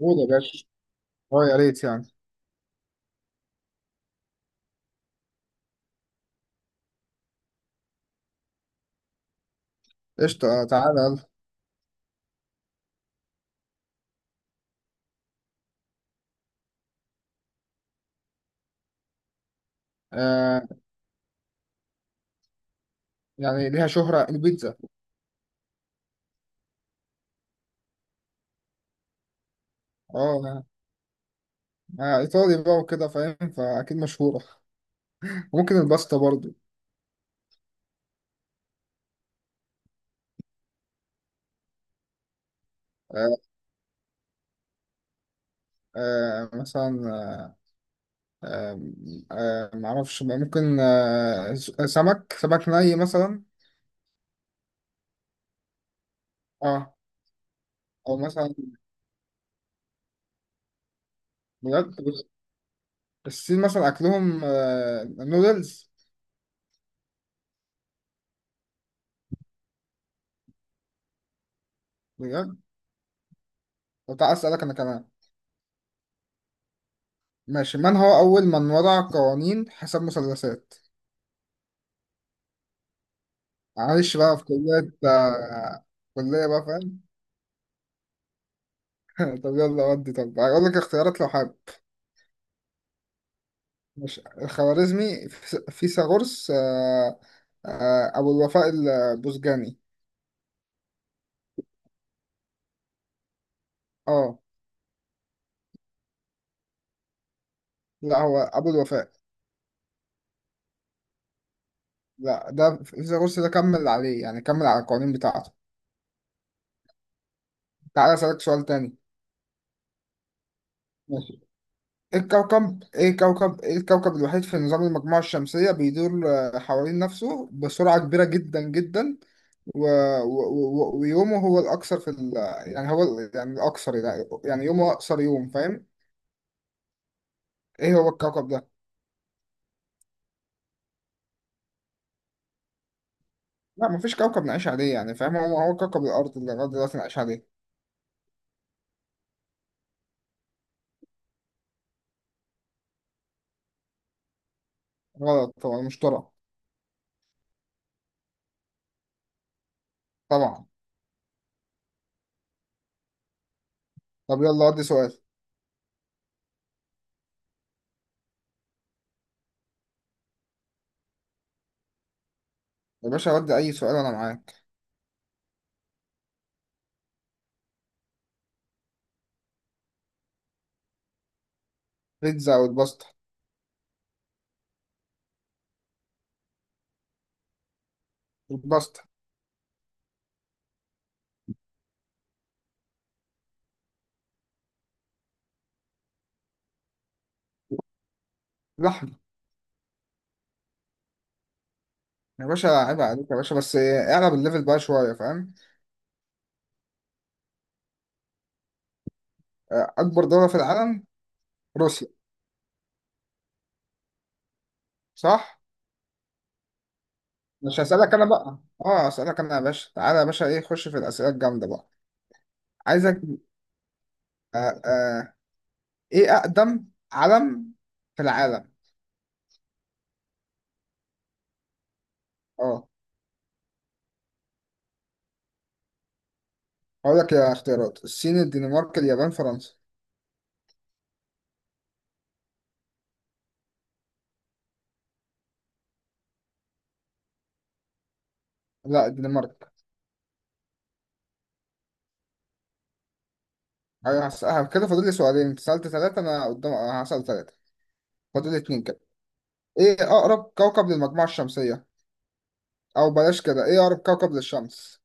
قول يا باشا. اه يا ريت يعني. قشطة. تعالى يلا. آه يعني ليها شهرة البيتزا. اه ايطالي بقى وكده فاهم فاكيد مشهورة. ممكن الباستا برضو. آه مثلا. آه معرفش بقى، ممكن سمك ني مثلا. اه. او مثلا. بجد بص، الصين مثلا اكلهم نودلز. بجد. طب تعال اسالك انا كمان. ماشي. من هو اول من وضع قوانين حساب مثلثات؟ معلش بقى. في كلية بقى فاهم. طب يلا ودي. طب هقول لك اختيارات لو حابب. مش الخوارزمي. فيثاغورس. أبو الوفاء البوزجاني. اه. لا هو أبو الوفاء. لا ده فيثاغورس، ده كمل عليه يعني، كمل على القوانين بتاعته. تعالى أسألك سؤال تاني. ماشي. ايه الكوكب الوحيد في نظام المجموعة الشمسية بيدور حوالين نفسه بسرعة كبيرة جدا جدا. و... و... ويومه هو الأكثر في يعني الأكثر، يعني يومه أقصر يوم فاهم؟ إيه هو الكوكب ده؟ لا مفيش كوكب نعيش عليه يعني فاهم. هو كوكب الأرض اللي لغاية دلوقتي نعيش عليه. غلط طبعا. المشتري. طبعا. طب يلا ودي سؤال. يا باشا ودي أي سؤال، أنا معاك. بيتزا أو الباستا. الباستا. لحم. يا باشا عيب عليك يا باشا، بس اعلى بالليفل بقى شوية فاهم؟ أكبر دولة في العالم. روسيا. صح؟ مش هسألك أنا بقى. اه هسألك أنا يا باشا، تعالى يا باشا، إيه خش في الأسئلة الجامدة بقى. عايزك. آه آه ايه اقدم علم في العالم؟ اه. هقول لك يا اختيارات: الصين، الدنمارك، اليابان، فرنسا. لا الدنمارك. ايوه. كده فاضل لي سؤالين. انت سألت ثلاثة انا قدام، هسأل ثلاثة. فاضل لي اتنين كده. ايه اقرب كوكب للمجموعة الشمسية؟ او بلاش كده، ايه اقرب كوكب للشمس؟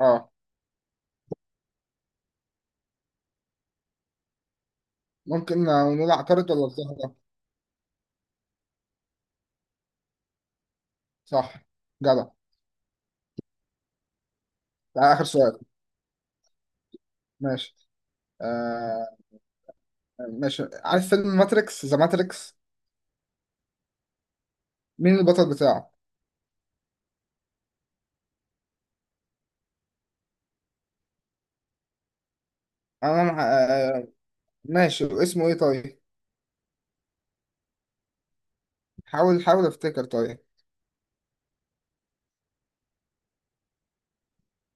اه. ممكن نقول عطارد ولا الزهرة. صح. جدع. ده اخر سؤال. ماشي. آه ماشي. عارف فيلم ماتريكس، ذا ماتريكس؟ مين البطل بتاعه؟ انا مع- آه ماشي اسمه ايه طيب؟ حاول، حاول افتكر طيب.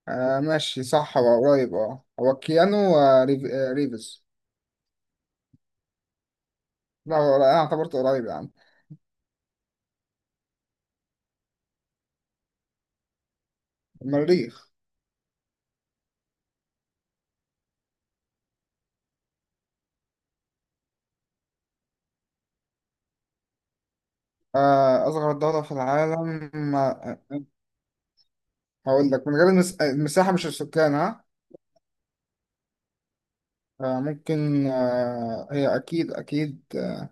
ماشي صح هو قريب. اه هو كيانو، ريفز. لا هو انا اعتبرته قريب يا عم. المريخ. اصغر دولة في العالم. هقول لك من غير المساحة مش السكان، ها. ممكن، هي اكيد اكيد.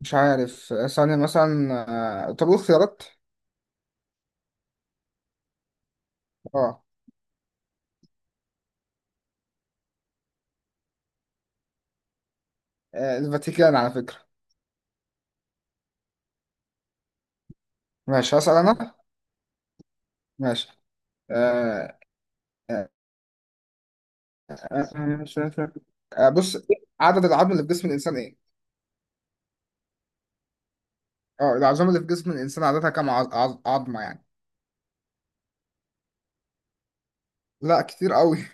مش عارف، ثانية مثلا. طب قول خيارات. اه. الفاتيكان على فكرة. ماشي هسأل انا. ماشي. آه آه آه، بص. عدد العظم اللي في جسم الانسان ايه؟ اه العظام اللي في جسم الانسان عادتها كام عظمه يعني؟ لا كتير قوي.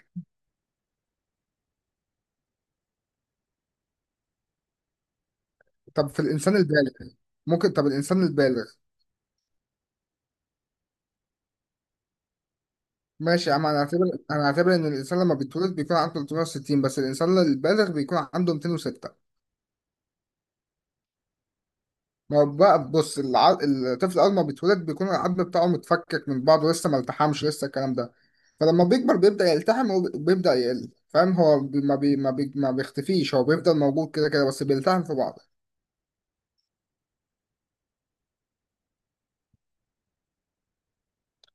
طب في الانسان البالغ؟ ممكن، طب الانسان البالغ. ماشي اما انا اعتبر. انا اعتبر ان الانسان لما بيتولد بيكون عنده 360، بس الانسان البالغ بيكون عنده 206. ما هو بقى بص الطفل اول ما بيتولد بيكون العظم بتاعه متفكك من بعضه لسه، ما التحمش لسه الكلام ده. فلما بيكبر بيبدأ يلتحم وبيبدأ يقل فاهم. هو ما بيختفيش، هو بيفضل موجود كده كده، بس بيلتحم في بعضه.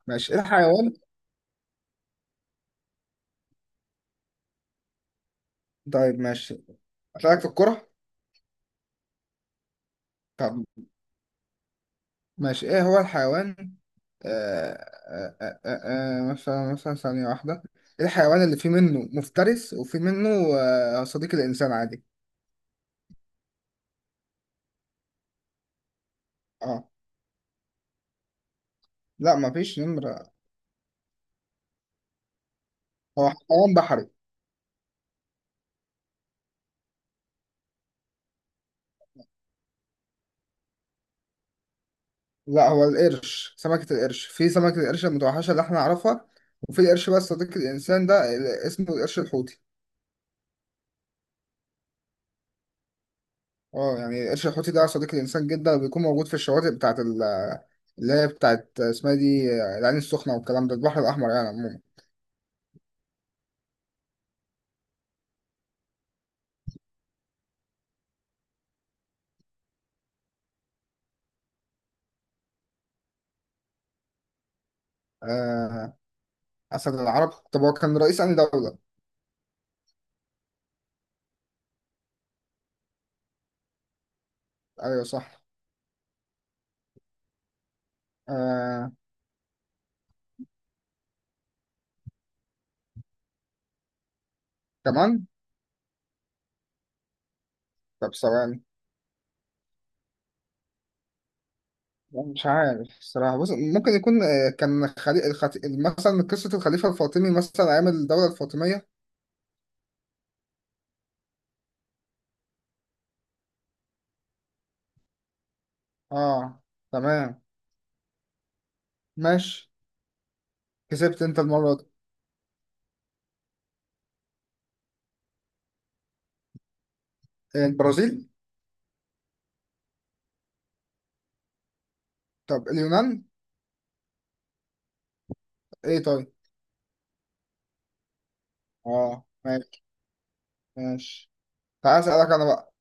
ماشي ايه الحيوان. طيب ماشي. أسألك في الكرة. طب ماشي، ايه هو الحيوان. مثلا ثانية واحدة. ايه الحيوان اللي فيه منه مفترس وفيه منه صديق الإنسان عادي. اه. لا مفيش نمرة. هو حيوان بحري. لا هو القرش، سمكة القرش، في سمكة القرش المتوحشة اللي احنا نعرفها. وفي القرش بقى صديق الإنسان ده اسمه القرش الحوتي. اه يعني القرش الحوتي ده صديق الإنسان جدا، بيكون موجود في الشواطئ بتاعت اللي هي بتاعت اسمها دي، العين السخنة والكلام ده، البحر الأحمر يعني عموما. آه، أسد العرب، طب هو كان رئيس أنهي دولة؟ أيوه صح. آه كمان. طب ثواني. مش عارف الصراحة بص، ممكن يكون كان مثلا قصة الخليفة الفاطمي مثلا أيام الدولة الفاطمية. اه تمام. ماشي. كسبت أنت المرة دي. البرازيل. طب اليونان. إيه طيب. اه ماشي. ماشي. تعال أسألك أنا بقى.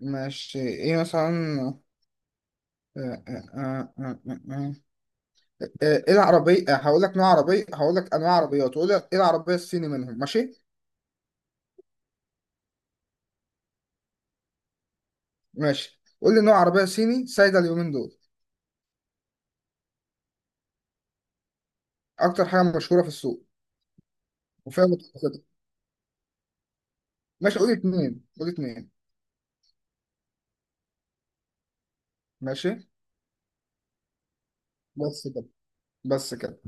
ماشي إيه مثلا. آه آه آه آه. آه. آه، ايه العربية، هقول لك نوع عربية، هقول لك انواع عربيات، وقول لي ايه العربية الصيني منهم ماشي. ماشي قول لي نوع عربية صيني سايدة اليومين دول. اكتر حاجة مشهورة في السوق. وفيها متخصصات. ماشي قول لي اتنين، قول لي اتنين. ماشي. بس كده. بس كده.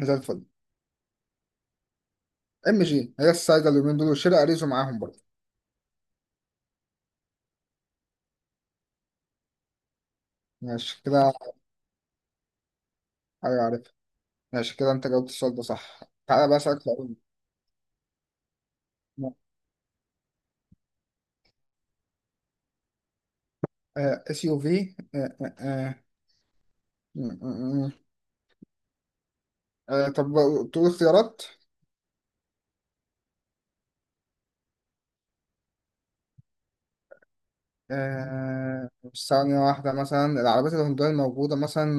زي الفل. MG هي السايدة اليومين دول، وشيري اريزو معاهم برضه. ماشي كده. حاجة عارفها. ماشي كده، انت جاوبت السؤال ده صح. تعالى بقى اسألك سؤال. آه، SUV. طب تقول اختيارات. مش، ثانية واحدة، مثلا العربيات الهندية الموجودة مثلا.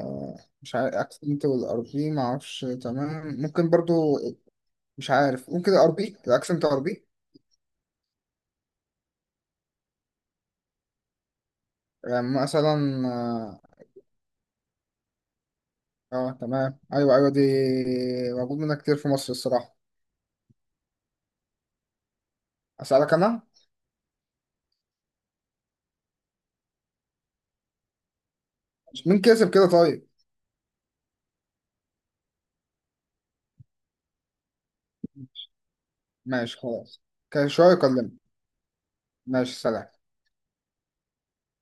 آه، مش عارف، اكسنت والار بي معرفش تمام، ممكن برضو. مش عارف، ممكن الار بي، الاكسنت ار بي. يعني مثلا اه. تمام ايوه ايوه دي. موجود منها كتير في مصر الصراحة. اسألك انا. مين كسب كده طيب؟ ماشي خلاص. كان شوية يكلمني. ماشي سلام.